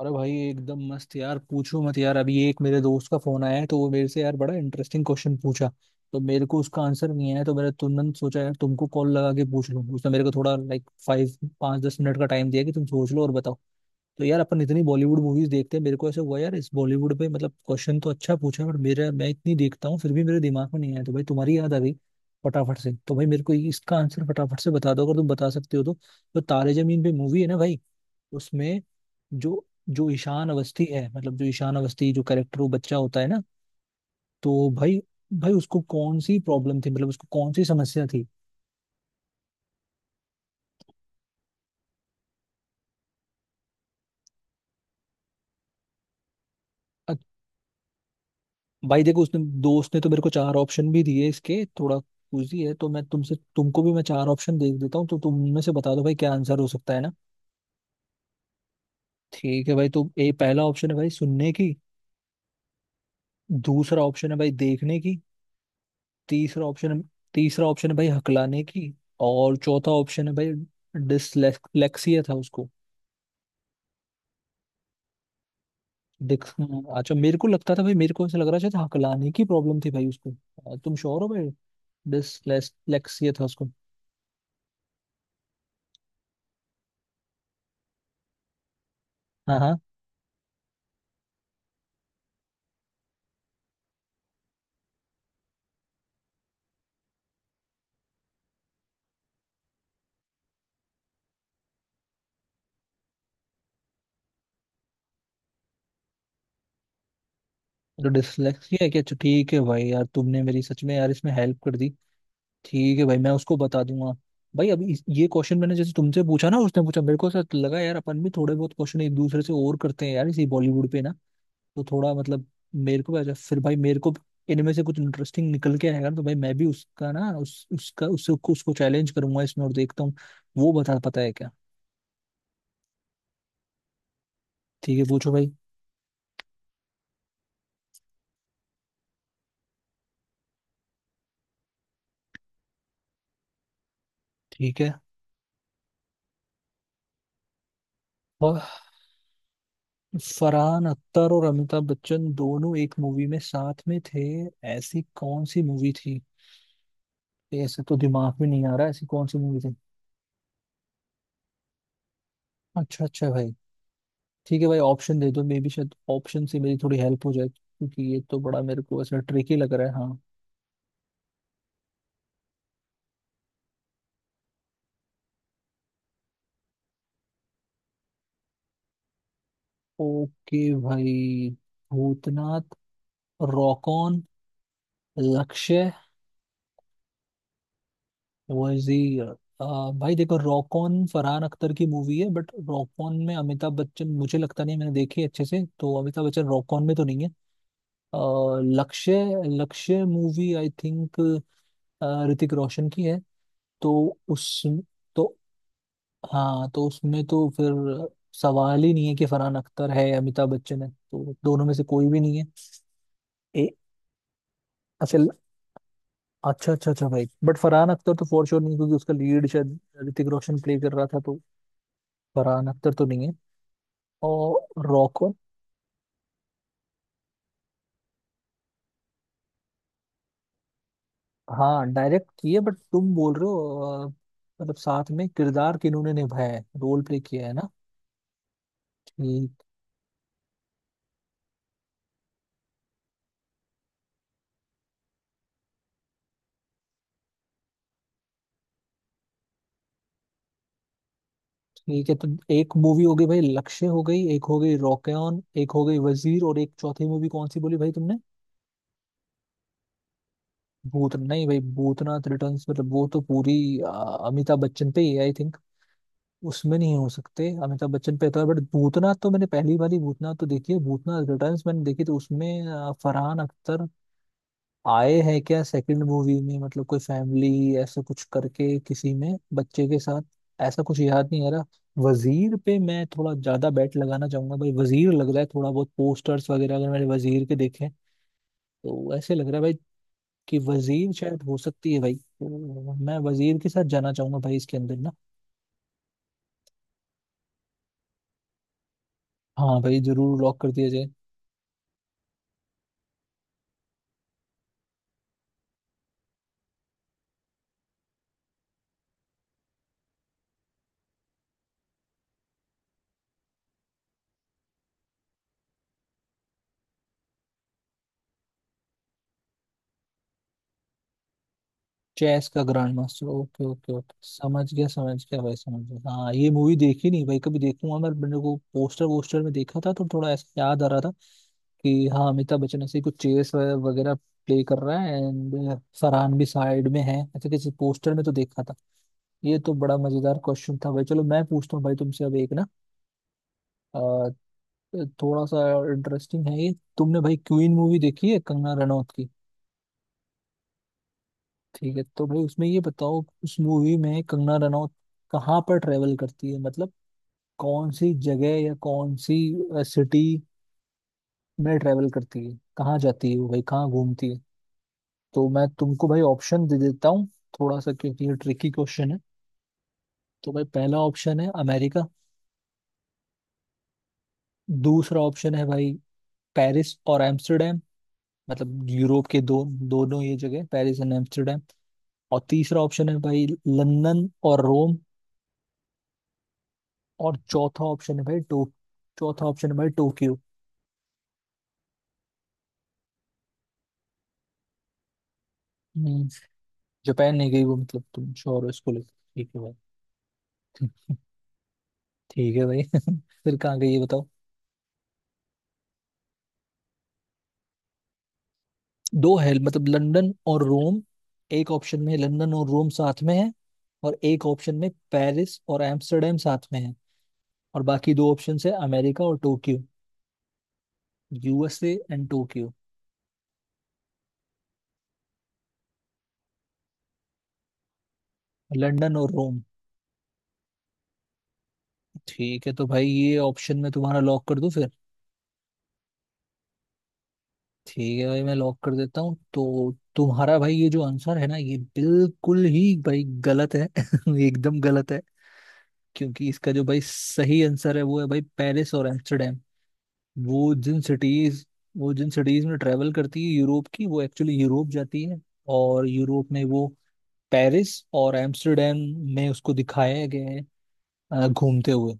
अरे भाई, एकदम मस्त यार। पूछो मत यार, अभी एक मेरे दोस्त का फोन आया है तो वो मेरे से यार बड़ा इंटरेस्टिंग क्वेश्चन पूछा। तो मेरे को उसका आंसर नहीं आया, तो मैंने तुरंत सोचा यार तुमको कॉल लगा के पूछ लूं। उसने मेरे को थोड़ा लाइक 5 5-10 मिनट का टाइम दिया कि तुम सोच लो और बताओ। तो यार अपन इतनी बॉलीवुड मूवीज देखते हैं, मेरे को ऐसे हुआ यार इस बॉलीवुड पे, मतलब क्वेश्चन तो अच्छा पूछा बट मेरा मैं इतनी देखता हूँ फिर भी मेरे दिमाग में नहीं आया, तो भाई तुम्हारी याद आ गई फटाफट से। तो भाई मेरे को इसका आंसर फटाफट से बता दो अगर तुम बता सकते हो तो। तो तारे जमीन पे मूवी है ना भाई, उसमें जो जो ईशान अवस्थी है, मतलब जो ईशान अवस्थी जो करेक्टर, वो बच्चा होता है ना। तो भाई, भाई उसको कौन सी प्रॉब्लम थी, मतलब उसको कौन सी समस्या थी। अ- भाई देखो उसने, दोस्त ने तो मेरे को चार ऑप्शन भी दिए इसके, थोड़ा कुजी है तो मैं तुमसे, तुमको भी मैं चार ऑप्शन दे देता हूँ, तो तुम उनमें से बता दो भाई क्या आंसर हो सकता है ना। ठीक है भाई, तो ए, पहला ऑप्शन है भाई सुनने की। दूसरा ऑप्शन है भाई देखने की। तीसरा ऑप्शन, तीसरा ऑप्शन है भाई हकलाने की। और चौथा ऑप्शन है भाई, डिसलेक्सिया था उसको। देख हाँ, अच्छा, मेरे को लगता था भाई, मेरे को ऐसा लग रहा शायद हकलाने की प्रॉब्लम थी भाई उसको। तुम श्योर हो भाई डिसलेक्सिया था उसको? हाँ हाँ। तो डिसलेक्सिया है क्या? अच्छा ठीक है भाई, यार तुमने मेरी सच में यार इसमें हेल्प कर दी। ठीक है भाई मैं उसको बता दूंगा। भाई अभी ये क्वेश्चन मैंने जैसे तुमसे पूछा ना उसने पूछा मेरे को, ऐसा लगा यार अपन भी थोड़े बहुत क्वेश्चन एक दूसरे से और करते हैं यार इसी बॉलीवुड पे ना। तो थोड़ा मतलब मेरे को भी अच्छा, फिर भाई मेरे को भी इनमें से कुछ इंटरेस्टिंग निकल के आएगा ना, तो भाई मैं भी उसका ना उस उसका उससे उसको चैलेंज करूंगा इसमें और देखता हूँ वो बता पाता है क्या। ठीक है पूछो भाई। ठीक है। और फरहान अख्तर और अमिताभ बच्चन दोनों एक मूवी में साथ में थे, ऐसी कौन सी मूवी थी? ऐसे तो दिमाग में नहीं आ रहा, ऐसी कौन सी मूवी थी। अच्छा अच्छा भाई। ठीक है भाई ऑप्शन दे दो, मे बी शायद ऑप्शन से मेरी थोड़ी हेल्प हो जाए क्योंकि ये तो बड़ा मेरे को ऐसा ट्रिकी लग रहा है हाँ। ओके भाई, भूतनाथ, रॉकॉन, लक्ष्य, वजीर। भाई देखो रॉकॉन फरहान अख्तर की मूवी है बट रॉकॉन में अमिताभ बच्चन, मुझे लगता नहीं मैंने देखी है अच्छे से, तो अमिताभ बच्चन रॉकॉन में तो नहीं है। आ, Lakshya, Lakshya movie I think Hrithik Roshan की है। तो उस तो, हाँ तो उसमें तो फिर सवाल ही नहीं है कि फरहान अख्तर है या अमिताभ बच्चन है, तो दोनों में से कोई भी नहीं है। ए, अच्छा अच्छा अच्छा अच्छा भाई बट फरहान अख्तर तो फॉर श्योर नहीं, क्योंकि उसका लीड शायद ऋतिक रोशन प्ले कर रहा था, तो फरहान अख्तर तो नहीं है। और रॉकवन, हाँ डायरेक्ट किए, बट तुम बोल रहे हो मतलब साथ में किरदार किन्होंने निभाया है, रोल प्ले किया है ना। ठीक, ठीक है, तो एक मूवी हो गई भाई लक्ष्य हो गई, एक हो गई रॉकेन, एक हो गई वजीर, और एक चौथी मूवी कौन सी बोली भाई तुमने? भूत नहीं भाई भूतनाथ रिटर्न्स, मतलब वो तो पूरी अ, अमिताभ बच्चन पे ही आई, उसमें नहीं हो सकते, अमिताभ बच्चन पे तो है बट भूतनाथ, तो मैंने पहली वाली भूतनाथ तो देखी है, भूतनाथ रिटर्न्स मैंने देखी, तो उसमें फरहान अख्तर आए हैं क्या सेकंड मूवी में, मतलब कोई फैमिली ऐसा कुछ करके किसी में बच्चे के साथ, ऐसा कुछ याद नहीं आ रहा। वजीर पे मैं थोड़ा ज्यादा बेट लगाना चाहूंगा भाई, वजीर लग रहा है, थोड़ा बहुत पोस्टर्स वगैरह अगर मैंने वजीर के देखे तो ऐसे लग रहा है भाई कि वजीर शायद हो सकती है भाई, तो मैं वजीर के साथ जाना चाहूंगा भाई इसके अंदर ना। हाँ भाई जरूर लॉक कर दिया जाए। चेस का grandmaster, okay okay okay, समझ गया भाई समझ गया, हाँ ये मूवी देखी नहीं भाई, कभी देखूंगा मैं, मेरे को पोस्टर वोस्टर में देखा था तो थोड़ा ऐसा याद आ रहा था कि हाँ अमिताभ बच्चन ऐसे ही कुछ चेस वगैरह प्ले कर रहा है एंड फरहान भी साइड में है, ऐसे किसी पोस्टर में तो देखा था। ये तो बड़ा मजेदार क्वेश्चन था भाई, चलो मैं पूछता हूँ भाई तुमसे अब एक ना। अ, थोड़ा सा इंटरेस्टिंग है ये। तुमने भाई क्वीन मूवी देखी है कंगना रनौत की? ठीक है, तो भाई उसमें ये बताओ, उस मूवी में कंगना रनौत कहाँ पर ट्रेवल करती है, मतलब कौन सी जगह या कौन सी सिटी में ट्रेवल करती है, कहाँ जाती है वो भाई, कहाँ घूमती है? तो मैं तुमको भाई ऑप्शन दे देता हूँ थोड़ा सा, क्योंकि ये ट्रिकी क्वेश्चन है। तो भाई पहला ऑप्शन है अमेरिका। दूसरा ऑप्शन है भाई पेरिस और एम्स्टर्डम, मतलब यूरोप के दो, दोनों ये जगह पेरिस एंड एम्स्टर्डम। और तीसरा ऑप्शन है भाई लंदन और रोम। और चौथा ऑप्शन है भाई टो चौथा ऑप्शन है भाई टोक्यो। हम्म, जापान नहीं गई वो, मतलब तुम श्योर हो इसको लेकर? ठीक है भाई। ठीक है भाई फिर कहाँ गई ये बताओ? दो है, मतलब लंदन और रोम, एक ऑप्शन में लंदन और रोम साथ में है, और एक ऑप्शन में पेरिस और एम्स्टर्डम साथ में है, और बाकी दो ऑप्शन है अमेरिका और Tokyo, USA and Tokyo. London और रोम, ठीक है तो भाई ये ऑप्शन में तुम्हारा लॉक कर दूं फिर? ठीक है भाई मैं लॉक कर देता हूँ। तो तुम्हारा भाई ये जो आंसर है ना ये बिल्कुल ही भाई गलत है एकदम गलत है, क्योंकि इसका जो भाई सही आंसर है वो है भाई पेरिस और एम्स्टर्डम। वो जिन सिटीज वो जिन सिटीज में ट्रेवल करती है यूरोप की, वो एक्चुअली यूरोप जाती है, और यूरोप में वो पेरिस और एम्स्टर्डम में उसको दिखाया गया है घूमते हुए।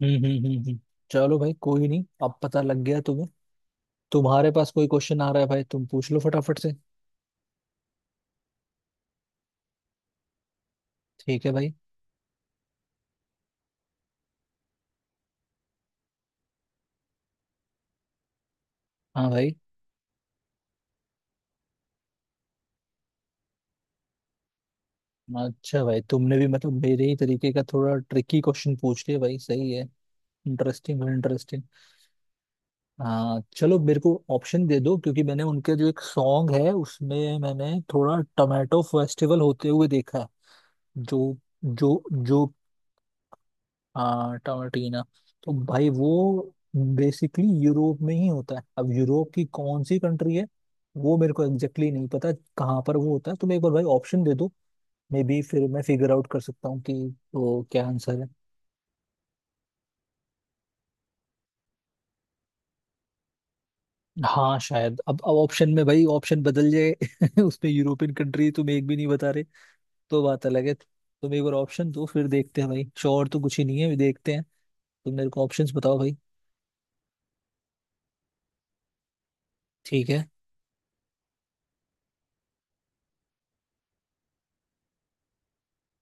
हम्म हम्म हम्म हम्म। चलो भाई कोई नहीं, अब पता लग गया तुम्हें। तुम्हारे पास कोई क्वेश्चन आ रहा है भाई तुम पूछ लो फटाफट से। ठीक है भाई। हाँ भाई। अच्छा भाई तुमने भी मतलब मेरे ही तरीके का थोड़ा ट्रिकी क्वेश्चन पूछ लिया भाई, सही है, इंटरेस्टिंग भाई, इंटरेस्टिंग। हाँ चलो मेरे को ऑप्शन दे दो, क्योंकि मैंने उनके जो एक सॉन्ग है उसमें मैंने थोड़ा टमाटो फेस्टिवल होते हुए देखा जो जो जो हाँ टमाटीना। तो भाई वो बेसिकली यूरोप में ही होता है, अब यूरोप की कौन सी कंट्री है वो मेरे को एग्जैक्टली नहीं पता कहाँ पर वो होता है। तुम एक बार भाई ऑप्शन दे दो, मे बी फिर मैं फिगर आउट कर सकता हूँ कि वो क्या आंसर है। हाँ शायद अब ऑप्शन में भाई ऑप्शन बदल जाए उसमें यूरोपियन कंट्री तुम एक भी नहीं बता रहे तो बात अलग है। तुम एक बार ऑप्शन दो फिर देखते हैं भाई, श्योर तो कुछ ही नहीं है, अभी देखते हैं। तुम मेरे को ऑप्शंस बताओ भाई। ठीक है।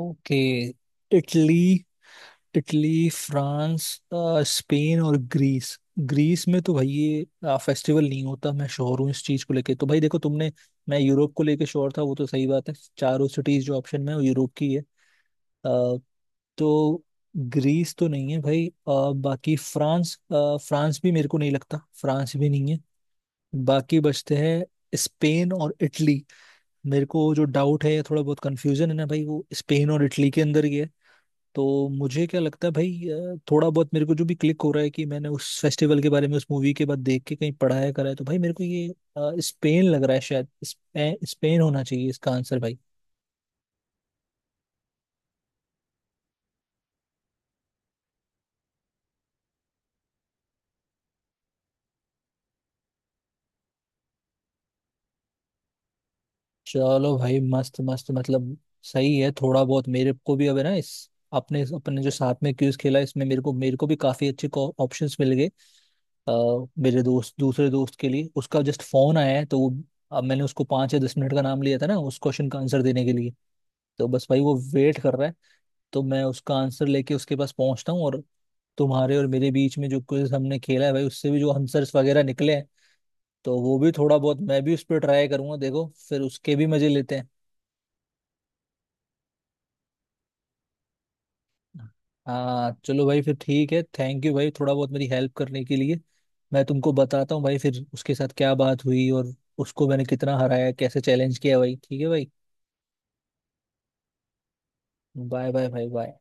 Okay, Italy, Italy France, Spain और ग्रीस। ग्रीस में तो भाई ये फेस्टिवल नहीं होता, मैं श्योर हूँ इस चीज को लेके, तो भाई देखो तुमने, मैं यूरोप को लेके श्योर था, वो तो सही बात है, चारों सिटीज जो ऑप्शन में है, वो यूरोप की है। अ, तो ग्रीस तो नहीं है भाई, बाकी फ्रांस, फ्रांस भी मेरे को नहीं लगता, फ्रांस भी नहीं है। बाकी बचते हैं स्पेन और इटली। मेरे को जो डाउट है या थोड़ा बहुत कंफ्यूजन है ना भाई, वो स्पेन और इटली के अंदर ही है। तो मुझे क्या लगता है भाई, थोड़ा बहुत मेरे को जो भी क्लिक हो रहा है कि मैंने उस फेस्टिवल के बारे में उस मूवी के बाद देख के कहीं पढ़ाया करा है, तो भाई मेरे को ये स्पेन लग रहा है, शायद स्पेन, स्पेन होना चाहिए इसका आंसर भाई। चलो भाई मस्त मस्त, मतलब सही है थोड़ा बहुत मेरे को भी अब है ना इस आपने अपने जो साथ में क्यूज खेला इसमें, मेरे को भी काफी अच्छे ऑप्शंस मिल गए। मेरे दोस्त दूसरे दोस्त के लिए उसका जस्ट फोन आया है तो वो, अब मैंने उसको 5 या 10 मिनट का नाम लिया था ना उस क्वेश्चन का आंसर देने के लिए, तो बस भाई वो वेट कर रहा है, तो मैं उसका आंसर लेके उसके पास पहुंचता हूँ, और तुम्हारे और मेरे बीच में जो क्विज हमने खेला है भाई उससे भी जो आंसर्स वगैरह निकले हैं, तो वो भी थोड़ा बहुत मैं भी उस पर ट्राई करूंगा देखो, फिर उसके भी मजे लेते हैं। हाँ चलो भाई फिर ठीक है, थैंक यू भाई थोड़ा बहुत मेरी हेल्प करने के लिए। मैं तुमको बताता हूँ भाई फिर उसके साथ क्या बात हुई और उसको मैंने कितना हराया, कैसे चैलेंज किया भाई, ठीक है भाई। बाय बाय भाई बाय।